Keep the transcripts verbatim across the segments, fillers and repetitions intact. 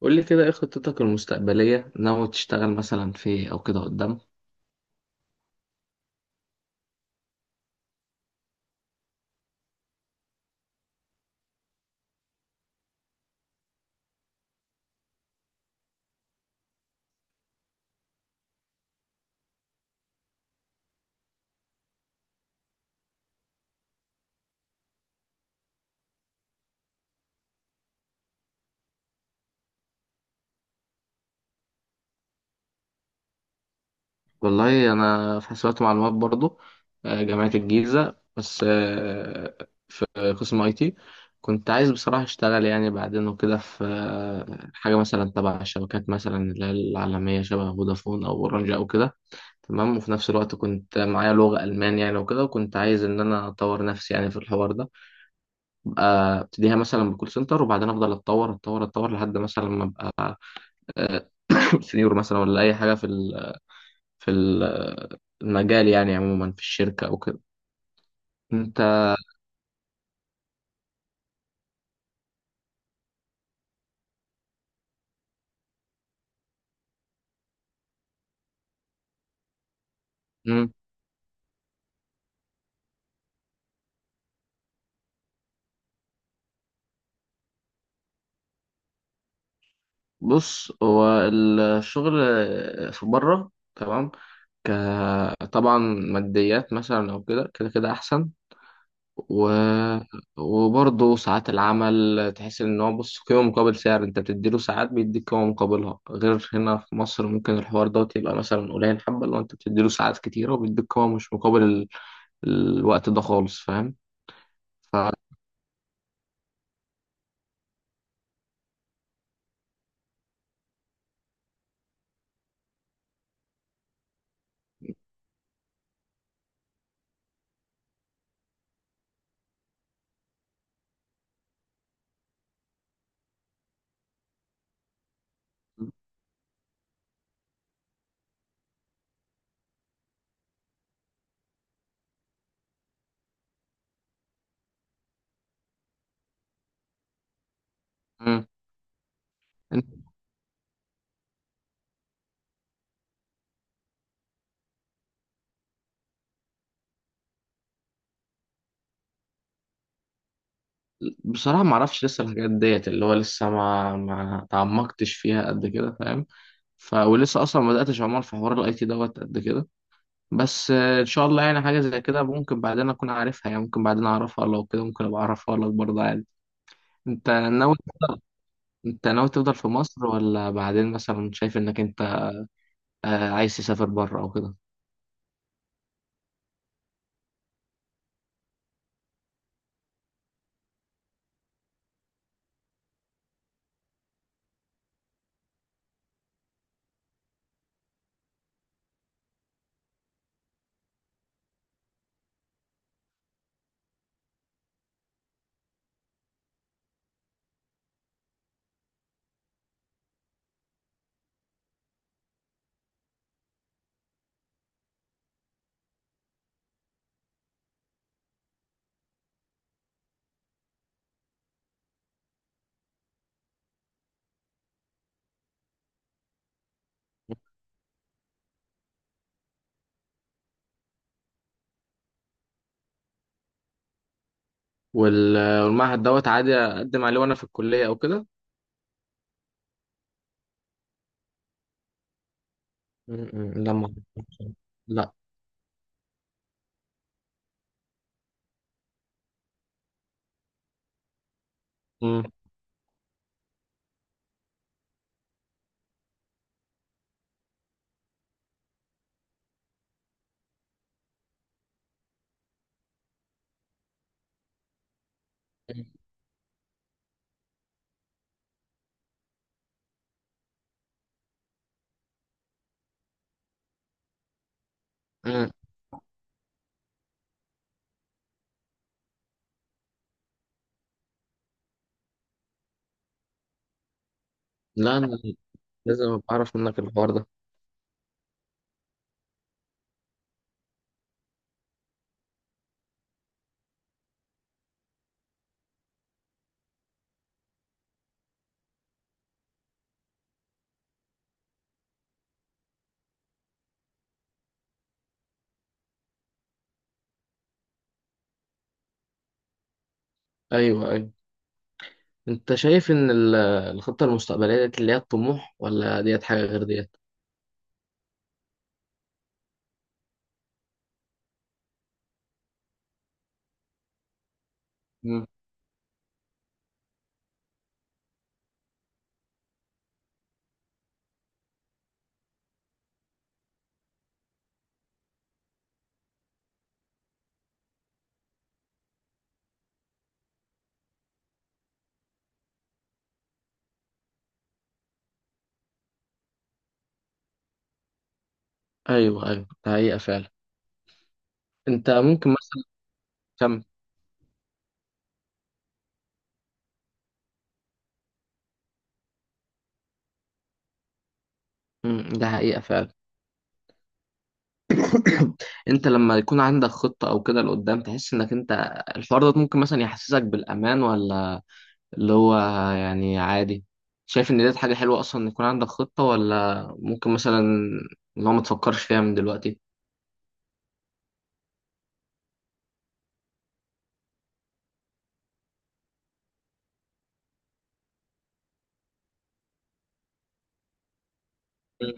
قول لي كده ايه خطتك المستقبلية؟ ناوي تشتغل مثلا في إيه او كده قدام؟ والله انا في حسابات ومعلومات برضو. آه، جامعة الجيزة. بس آه، في قسم اي تي. كنت عايز بصراحة اشتغل يعني بعدين وكده في آه، حاجة مثلا تبع الشبكات، مثلا اللي هي العالمية شبه فودافون او اورنج او كده. تمام. وفي نفس الوقت كنت معايا لغة ألمان يعني وكده، وكنت عايز إن أنا أطور نفسي يعني في الحوار ده. أبقى أبتديها مثلا بكول سنتر، وبعدين أفضل أتطور أتطور أتطور لحد مثلا ما أبقى آه، سنيور، مثلا ولا اي حاجه في ال- في ال- المجال يعني عموما في الشركه او كده. انت. مم. بص هو الشغل آه، في بره تمام. طبعا ماديات مثلا او كده كده كده احسن. و... وبرضه ساعات العمل، تحس ان هو بص قيمه مقابل سعر. انت بتديله ساعات، بيديك قيمه مقابلها. غير هنا في مصر ممكن الحوار دوت يبقى مثلا قليل حبه، لو انت بتديله ساعات كتيره وبيديك قيمه مش مقابل ال... الوقت ده خالص. فاهم. مم. انت- بصراحة ما اعرفش لسه الحاجات ديت، اللي هو لسه ما ما تعمقتش فيها قد كده. فاهم. ف ولسه اصلا ما بداتش عمال في حوار الاي تي دوت قد كده. بس آه، ان شاء الله يعني حاجة زي كده ممكن بعدين اكون عارفها، يعني ممكن بعدين اعرفها لو كده، ممكن ابقى اعرفها لك برضه عادي. انت ناوي انت ناوي تفضل في مصر، ولا بعدين مثلا شايف انك انت آه، عايز تسافر بره او كده؟ وال- والمعهد دوت عادي اقدم عليه وانا في الكلية او كده؟ مم، مم، لما. لا. مم. لا، أنا لازم أبقى أعرف منك الحوار ده. أيوه، أيوه. أنت شايف إن ال- الخطة المستقبلية ديت، اللي هي الطموح، ولا ديت حاجة غير ديت؟ مم. أيوه، أيوه، ده حقيقة فعلا. أنت ممكن مثلا كم. مم، ده حقيقة فعلا. أنت لما يكون عندك خطة أو كده لقدام، تحس إنك أنت الحوار ده ممكن مثلا يحسسك بالأمان، ولا اللي هو يعني عادي؟ شايف إن ديت حاجة حلوة أصلا إن يكون عندك خطة، ولا ممكن مثلا اللي هو ما تفكرش فيها من دلوقتي؟ مم.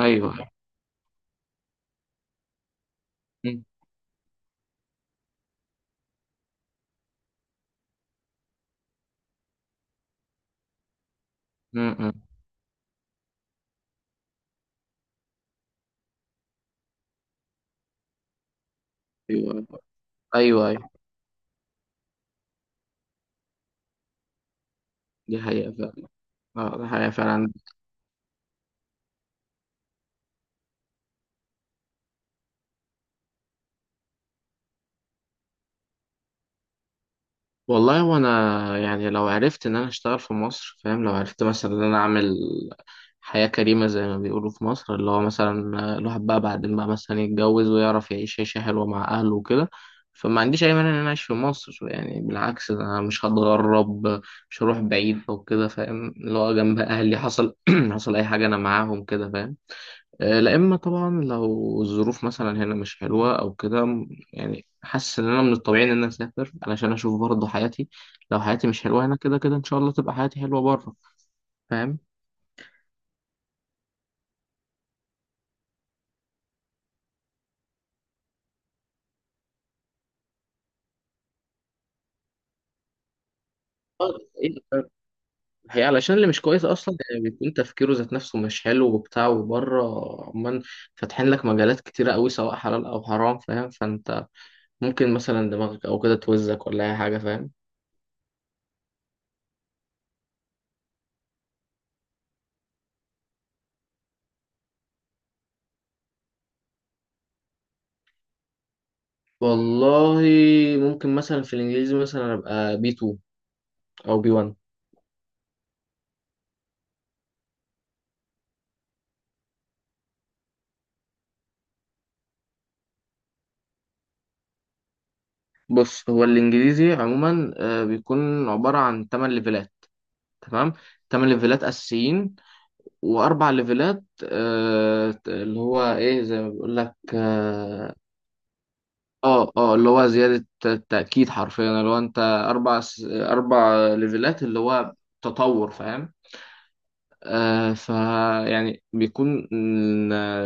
أيوه. مم. مم. ايوه، ايوه، ايوه، دي حقيقة فعلا. اه، دي حقيقة فعلا. والله، وانا يعني لو عرفت ان انا اشتغل في مصر، فاهم، لو عرفت مثلا ان انا اعمل حياة كريمة زي ما بيقولوا في مصر، اللي هو مثلا آه، الواحد بقى بعدين بقى مثلا يتجوز ويعرف يعيش عيشة حلوة مع اهله وكده. فما عنديش اي مانع ان انا اعيش في مصر، يعني بالعكس ده انا مش هتغرب. مش هروح بعيد او كده. فاهم، اللي هو جنب اهلي، حصل حصل اي حاجة انا معاهم كده. فاهم. لا اما طبعا لو الظروف مثلا هنا مش حلوه او كده، م- يعني حاسس ان انا من الطبيعي ان انا اسافر علشان اشوف برضه حياتي. لو حياتي مش حلوه هنا، كده كده ان شاء الله تبقى حياتي حلوه بره. فاهم. آه، إيه، آه، هي علشان اللي مش كويس اصلا، يعني بيكون تفكيره ذات نفسه مش حلو وبتاع وبره. عمان فاتحين لك مجالات كتيره قوي سواء حلال او حرام. فاهم. فانت ممكن مثلا دماغك او كده توزك ولا اي حاجه. فاهم. والله ممكن مثلا في الانجليزي مثلا ابقى بي اتنين او بي واحد. بص هو الانجليزي عموما آه، بيكون عباره عن تمنية ليفلات. تمام. تمنية ليفلات اساسيين واربع ليفلات آه، اللي هو ايه زي ما بيقول لك اه. اه، آه، اللي هو زياده التاكيد حرفيا، اللي هو انت اربع س- اربع ليفلات اللي هو تطور. فاهم. آه ف يعني بيكون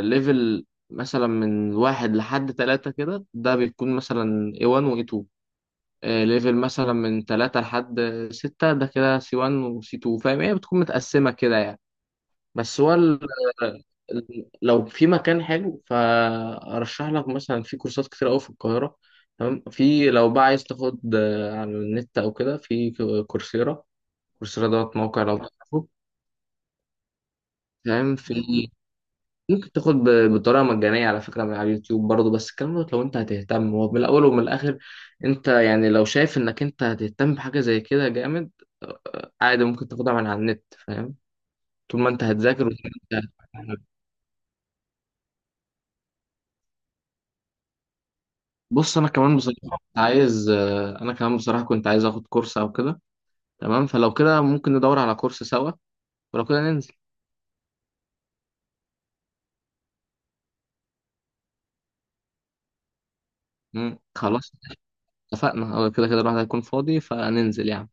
ليفل مثلا من واحد لحد ثلاثة كده، ده بيكون مثلا إيه واحد و إيه تو. آه، ليفل مثلا من تلاتة لحد ستة ده كده سي واحد وسي اتنين. فاهم، هي بتكون متقسمة كده يعني. بس هو ال- ال- لو في مكان حلو فأرشح لك مثلا في كورسات كتير أوي في القاهرة. تمام. في لو بقى عايز تاخد آه، على النت أو كده في كورسيرا. كورسيرا دوت موقع لو تعرفه. فاهم. في ممكن تاخد ب- بطريقه مجانيه على فكره من على اليوتيوب برضه. بس الكلام ده لو انت هتهتم، هو من الاول ومن الاخر. انت يعني لو شايف انك انت هتهتم بحاجه زي كده جامد، آه، عادي ممكن تاخدها من على النت. فاهم. طول ما انت هتذاكر وطول ما انت هتفهم. بص انا كمان بصراحه كنت عايز آه، انا كمان بصراحه كنت عايز اخد كورس او كده. تمام. فلو كده ممكن ندور على كورس سوا، ولو كده ننزل. مم، خلاص. اتفقنا، هو كده كده الواحد هيكون فاضي فننزل يعني.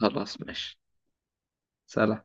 خلاص ماشي. سلام.